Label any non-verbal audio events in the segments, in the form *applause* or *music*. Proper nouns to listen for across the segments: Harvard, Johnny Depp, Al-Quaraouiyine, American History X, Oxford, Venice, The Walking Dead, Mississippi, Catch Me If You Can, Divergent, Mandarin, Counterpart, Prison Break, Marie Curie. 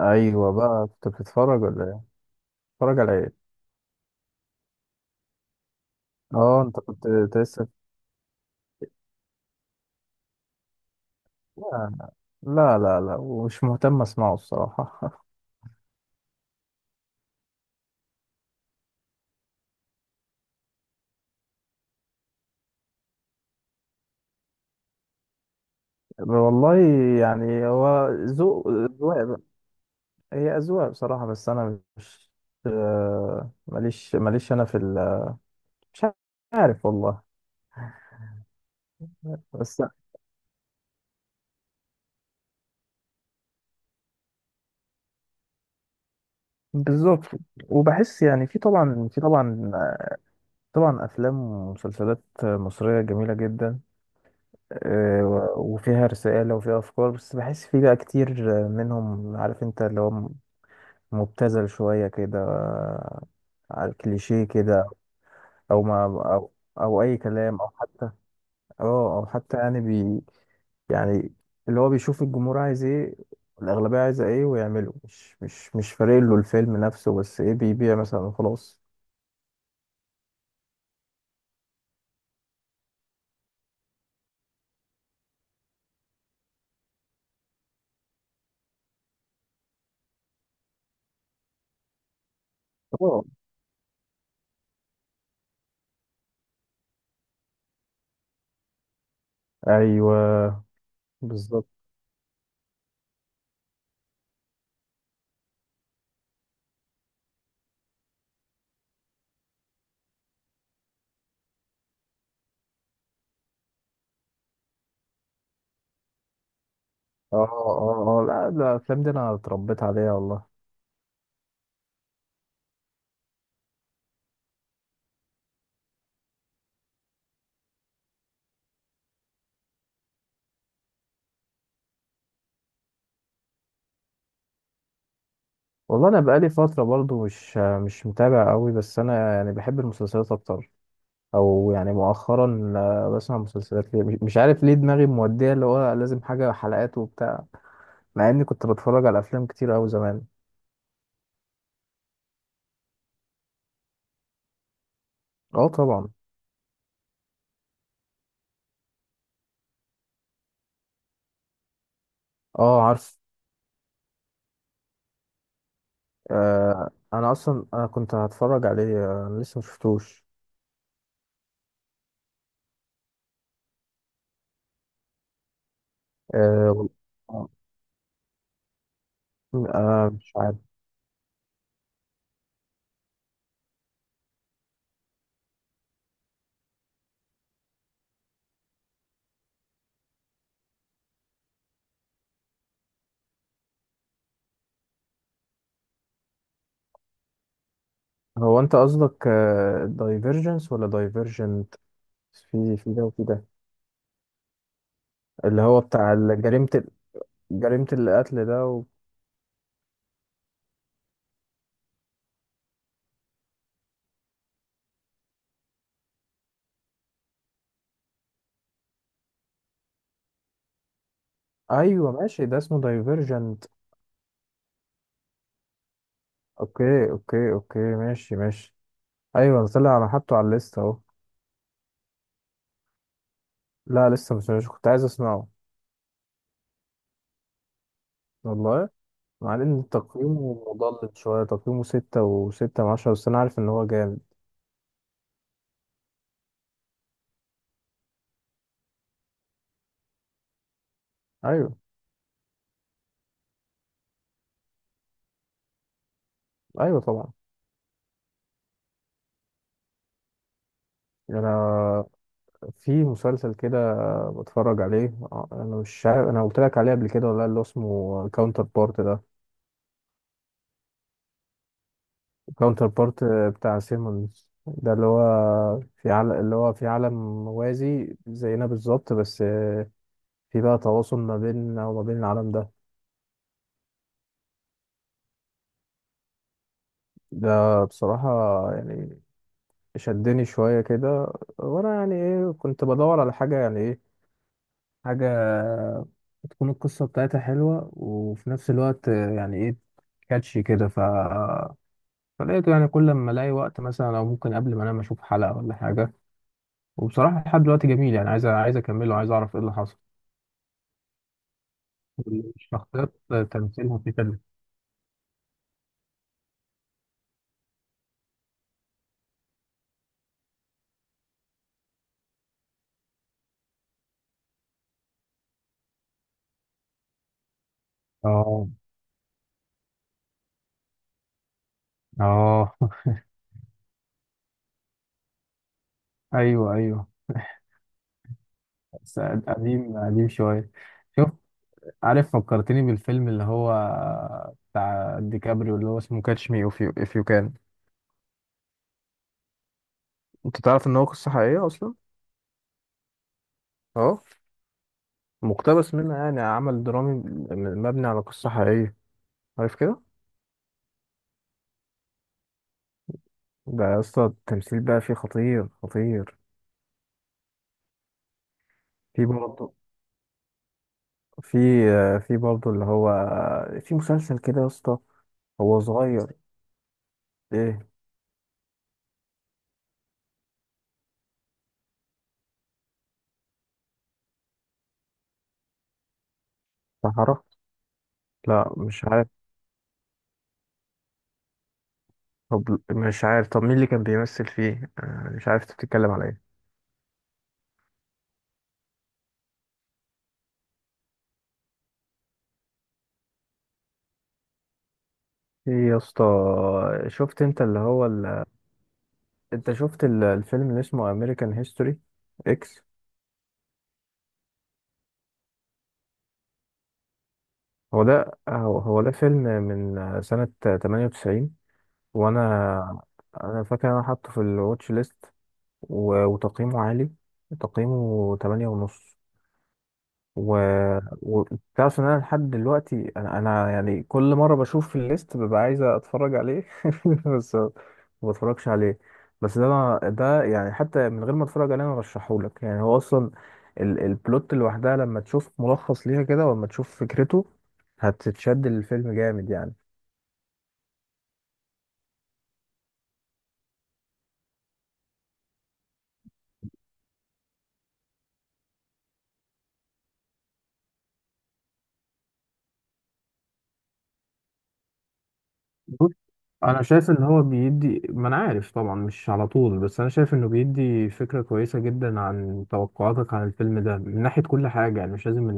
ايوه بقى، كنت بتتفرج ولا ايه؟ بتتفرج على ايه؟ اه، انت كنت أنت لسه. لا لا لا لا، ومش مهتم اسمعه الصراحه. *laughs* والله، يعني هو ذوق، اذواق بقى. هي اذواق بصراحه، بس انا مش... آه، ماليش انا في ال...، مش عارف والله. بس بالظبط. وبحس يعني، في طبعا، طبعا افلام ومسلسلات مصريه جميله جدا. آه، و- وفيها رسالة وفيها أفكار، بس بحس فيه بقى كتير، آه، منهم، عارف أنت، اللي هو مبتذل شوية كده، آه، على الكليشيه كده. أو ما أو, أو أي كلام، أو حتى، أو حتى يعني يعني، اللي هو بيشوف الجمهور عايز إيه، الأغلبية عايزة إيه، ويعمله، مش فارق له الفيلم نفسه، بس إيه بيبيع مثلا وخلاص. اه. أيوه. بالظبط. أه أه أه، لا لا، الأفلام دي أنا اتربيت عليها والله. والله انا بقالي فتره برضو مش متابع قوي، بس انا يعني بحب المسلسلات اكتر. او يعني مؤخرا، آه، بسمع مسلسلات، ليه؟ مش عارف ليه، دماغي موديه اللي هو لازم حاجه حلقات وبتاع. مع اني كنت بتفرج على افلام كتير قوي زمان. اه طبعا. اه عارف. آه، انا اصلا كنت هتفرج عليه، آه، انا لسه مشفتوش. آه، آه. آه، مش عارف. هو انت قصدك دايفرجنس ولا دايفرجنت؟ في ده وفي ده، اللي هو بتاع جريمة، جريمة القتل ده و... ايوه ماشي، ده اسمه دايفرجنت. اوكي اوكي اوكي، ماشي ماشي، ايوه ده طلع، انا حاطه على الليست اهو. لا لسه، مش كنت عايز اسمعه. والله، مع ان تقييمه مضلل شوية، تقييمه ستة وستة من عشرة، بس انا عارف ان هو جامد. ايوه. ايوه طبعا. انا، في مسلسل كده بتفرج عليه، انا مش عارف انا قلت لك عليه قبل كده ولا لأ، اللي هو اسمه كاونتر بارت ده. كاونتر بارت بتاع سيمونز ده، اللي هو في عالم، موازي زينا بالظبط، بس في بقى تواصل ما بيننا وما بين العالم ده. ده بصراحة، يعني، شدني شوية كده، وأنا يعني إيه، كنت بدور على حاجة، يعني إيه، حاجة تكون القصة بتاعتها حلوة وفي نفس الوقت يعني إيه، كاتشي كده، فلقيته. يعني كل ما ألاقي وقت مثلا، أو ممكن قبل ما أنام، أشوف حلقة ولا حاجة. وبصراحة لحد دلوقتي جميل، يعني عايز أكمله، عايز أعرف إيه اللي حصل. الشخصيات، تمثيلهم فيه حلو. آه. آه. *laughs* أيوه أيوه. بس قديم قديم شوية. شفت، عارف، فكرتني بالفيلم اللي هو بتاع ديكابريو، اللي هو اسمه كاتش مي أوف يو إف يو كان. أنت تعرف إن هو قصة حقيقية أصلا؟ آه، مقتبس منها، يعني عمل درامي مبني على قصة حقيقية. عارف كده؟ ده يا اسطى التمثيل بقى فيه خطير خطير. في برضه، في، في برضه اللي هو، في مسلسل كده يا اسطى. هو صغير. ايه؟ صحراء؟ لا مش عارف. طب مش عارف، طب مين اللي كان بيمثل فيه؟ آه، مش عارف انت بتتكلم على ايه. ايه يا اسطى. شفت انت اللي هو ال...، انت شفت الفيلم اللي اسمه امريكان هيستوري اكس؟ هو ده، هو هو ده فيلم من سنة 98. وانا، انا فاكر انا حاطه في الواتش ليست، و... وتقييمه عالي، تقييمه 8 ونص. و... و-، تعرف ان انا لحد دلوقتي، انا يعني كل مره بشوف في الليست ببقى عايز اتفرج عليه *laughs* بس ما بتفرجش عليه. بس ده ده يعني، حتى من غير ما اتفرج عليه انا رشحهولك، يعني هو اصلا البلوت لوحدها لما تشوف ملخص ليها كده، ولما تشوف فكرته، هتتشد للفيلم جامد يعني. بص، انا شايف ان هو بيدي، ما انا عارف طبعا مش على طول، بس انا شايف انه بيدي فكره كويسه جدا عن توقعاتك عن الفيلم ده، من ناحيه كل حاجه، يعني مش لازم.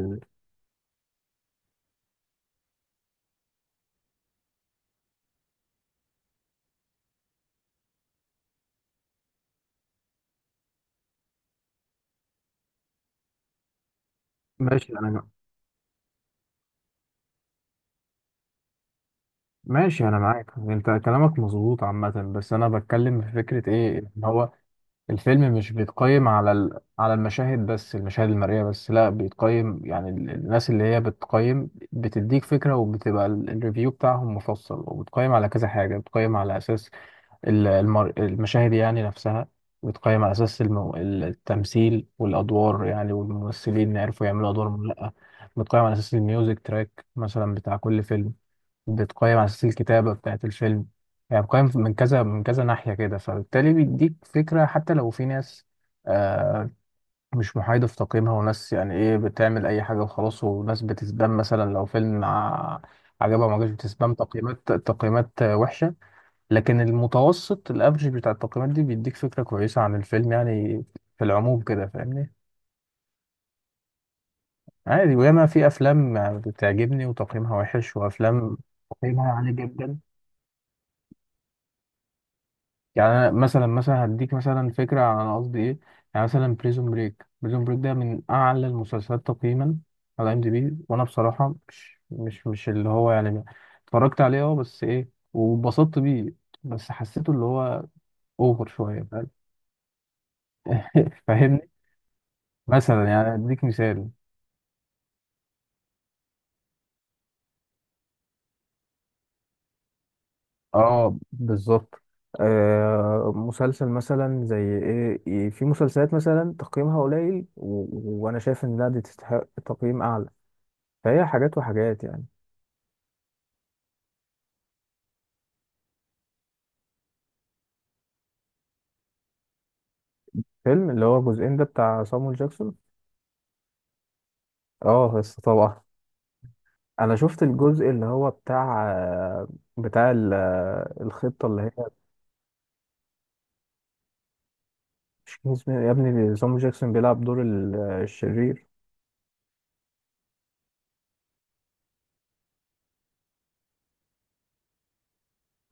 ماشي انا، معاك، انت كلامك مظبوط عامه. بس انا بتكلم في فكره ايه، ان هو الفيلم مش بيتقيم على المشاهد بس، المشاهد المرئيه بس، لا، بيتقيم يعني الناس اللي هي بتقيم بتديك فكره، وبتبقى الريفيو بتاعهم مفصل، وبتقيم على كذا حاجه. بتقيم على اساس المشاهد يعني نفسها، بتقيم على اساس التمثيل والادوار، يعني والممثلين عرفوا يعملوا ادوارهم ولا لا، بتقيم على اساس الميوزك تراك مثلا بتاع كل فيلم، بتقيم على أساس الكتابة بتاعت الفيلم. يعني بتقيم من كذا من كذا ناحية كده، فبالتالي بيديك فكرة حتى لو في ناس، آه، مش محايدة في تقييمها، وناس يعني إيه بتعمل أي حاجة وخلاص، وناس بتسبام مثلا، لو فيلم عجبها ما عجبش بتسبام تقييمات، آه، وحشة. لكن المتوسط الأفرج بتاع التقييمات دي بيديك فكرة كويسة عن الفيلم، يعني في العموم كده، فاهمني. عادي، وياما في أفلام بتعجبني وتقييمها وحش، وأفلام تقييمها عالي جدا. يعني أنا مثلا، هديك مثلا فكرة عن أنا قصدي إيه. يعني مثلا بريزون بريك، ده من أعلى المسلسلات تقييما على ام دي بي، وأنا بصراحة مش اللي هو يعني اتفرجت عليه، أه، بس إيه واتبسطت بيه، بس حسيته اللي هو أوفر شوية، فاهم؟ *laughs* فاهمني، مثلا يعني أديك مثال. اه بالظبط. آه مسلسل مثلا زي ايه. في مسلسلات مثلا تقييمها قليل، و... وانا شايف ان لا دي تستحق تقييم اعلى. فهي حاجات وحاجات يعني. فيلم اللي هو الجزئين ده بتاع صامويل جاكسون؟ اه بس طبعا. انا شفت الجزء اللي هو بتاع، بتاع الخطة اللي هي، مش كان اسمه يا ابني صامويل جاكسون بيلعب دور الشرير؟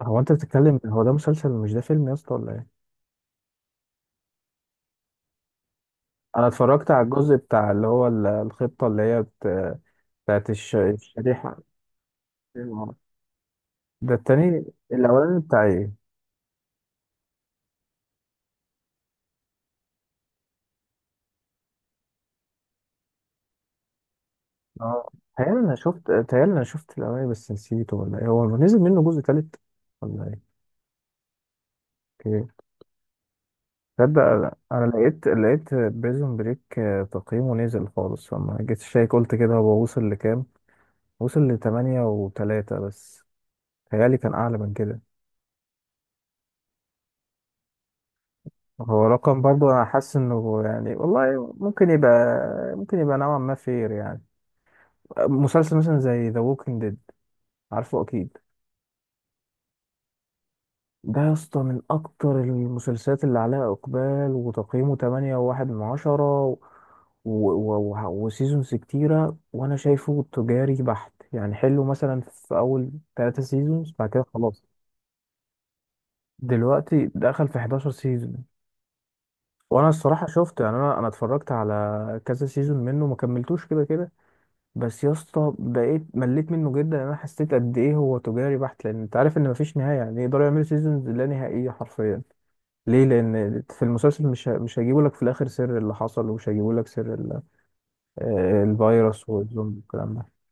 هو انت بتتكلم، هو ده مسلسل مش ده فيلم يا اسطى ولا ايه؟ انا اتفرجت على الجزء بتاع اللي هو الخطة اللي هي بتاعت الشريحة. ده التاني، الاولاني بتاع ايه؟ اه، تهيألي انا شفت، الاولاني بس نسيته، ولا ايه، هو نزل منه جزء تالت ولا ايه؟ تصدق انا لقيت، بريزون بريك تقييمه نزل خالص، فما جيت شايك قلت كده هو وصل لكام، وصل لتمانية وتلاتة بس. تهيألي كان أعلى من كده. هو رقم برضه أنا حاسس إنه، يعني والله ممكن يبقى، ممكن يبقى نوعا ما فير يعني. مسلسل مثلا زي ذا ووكينج ديد، عارفه أكيد، ده يا اسطى من اكتر المسلسلات اللي عليها اقبال، وتقييمه 8.1 من عشرة، و... و... و... وسيزونز كتيرة، وانا شايفه تجاري بحت، يعني حلو مثلا في اول 3 سيزونز، بعد كده خلاص، دلوقتي دخل في 11 سيزون. وانا الصراحة شفت يعني، انا، اتفرجت على كذا سيزون منه، ما كملتوش كده كده. بس يا اسطى بقيت مليت منه جدا، انا حسيت قد ايه هو تجاري بحت، لان انت عارف ان مفيش نهاية، يعني يقدروا يعملوا سيزونز لا نهائية حرفيا. ليه؟ لان في المسلسل مش هيجيبوا لك في الاخر سر اللي حصل، ومش هيجيبوا لك سر آه، الفيروس والزومبي والكلام ده.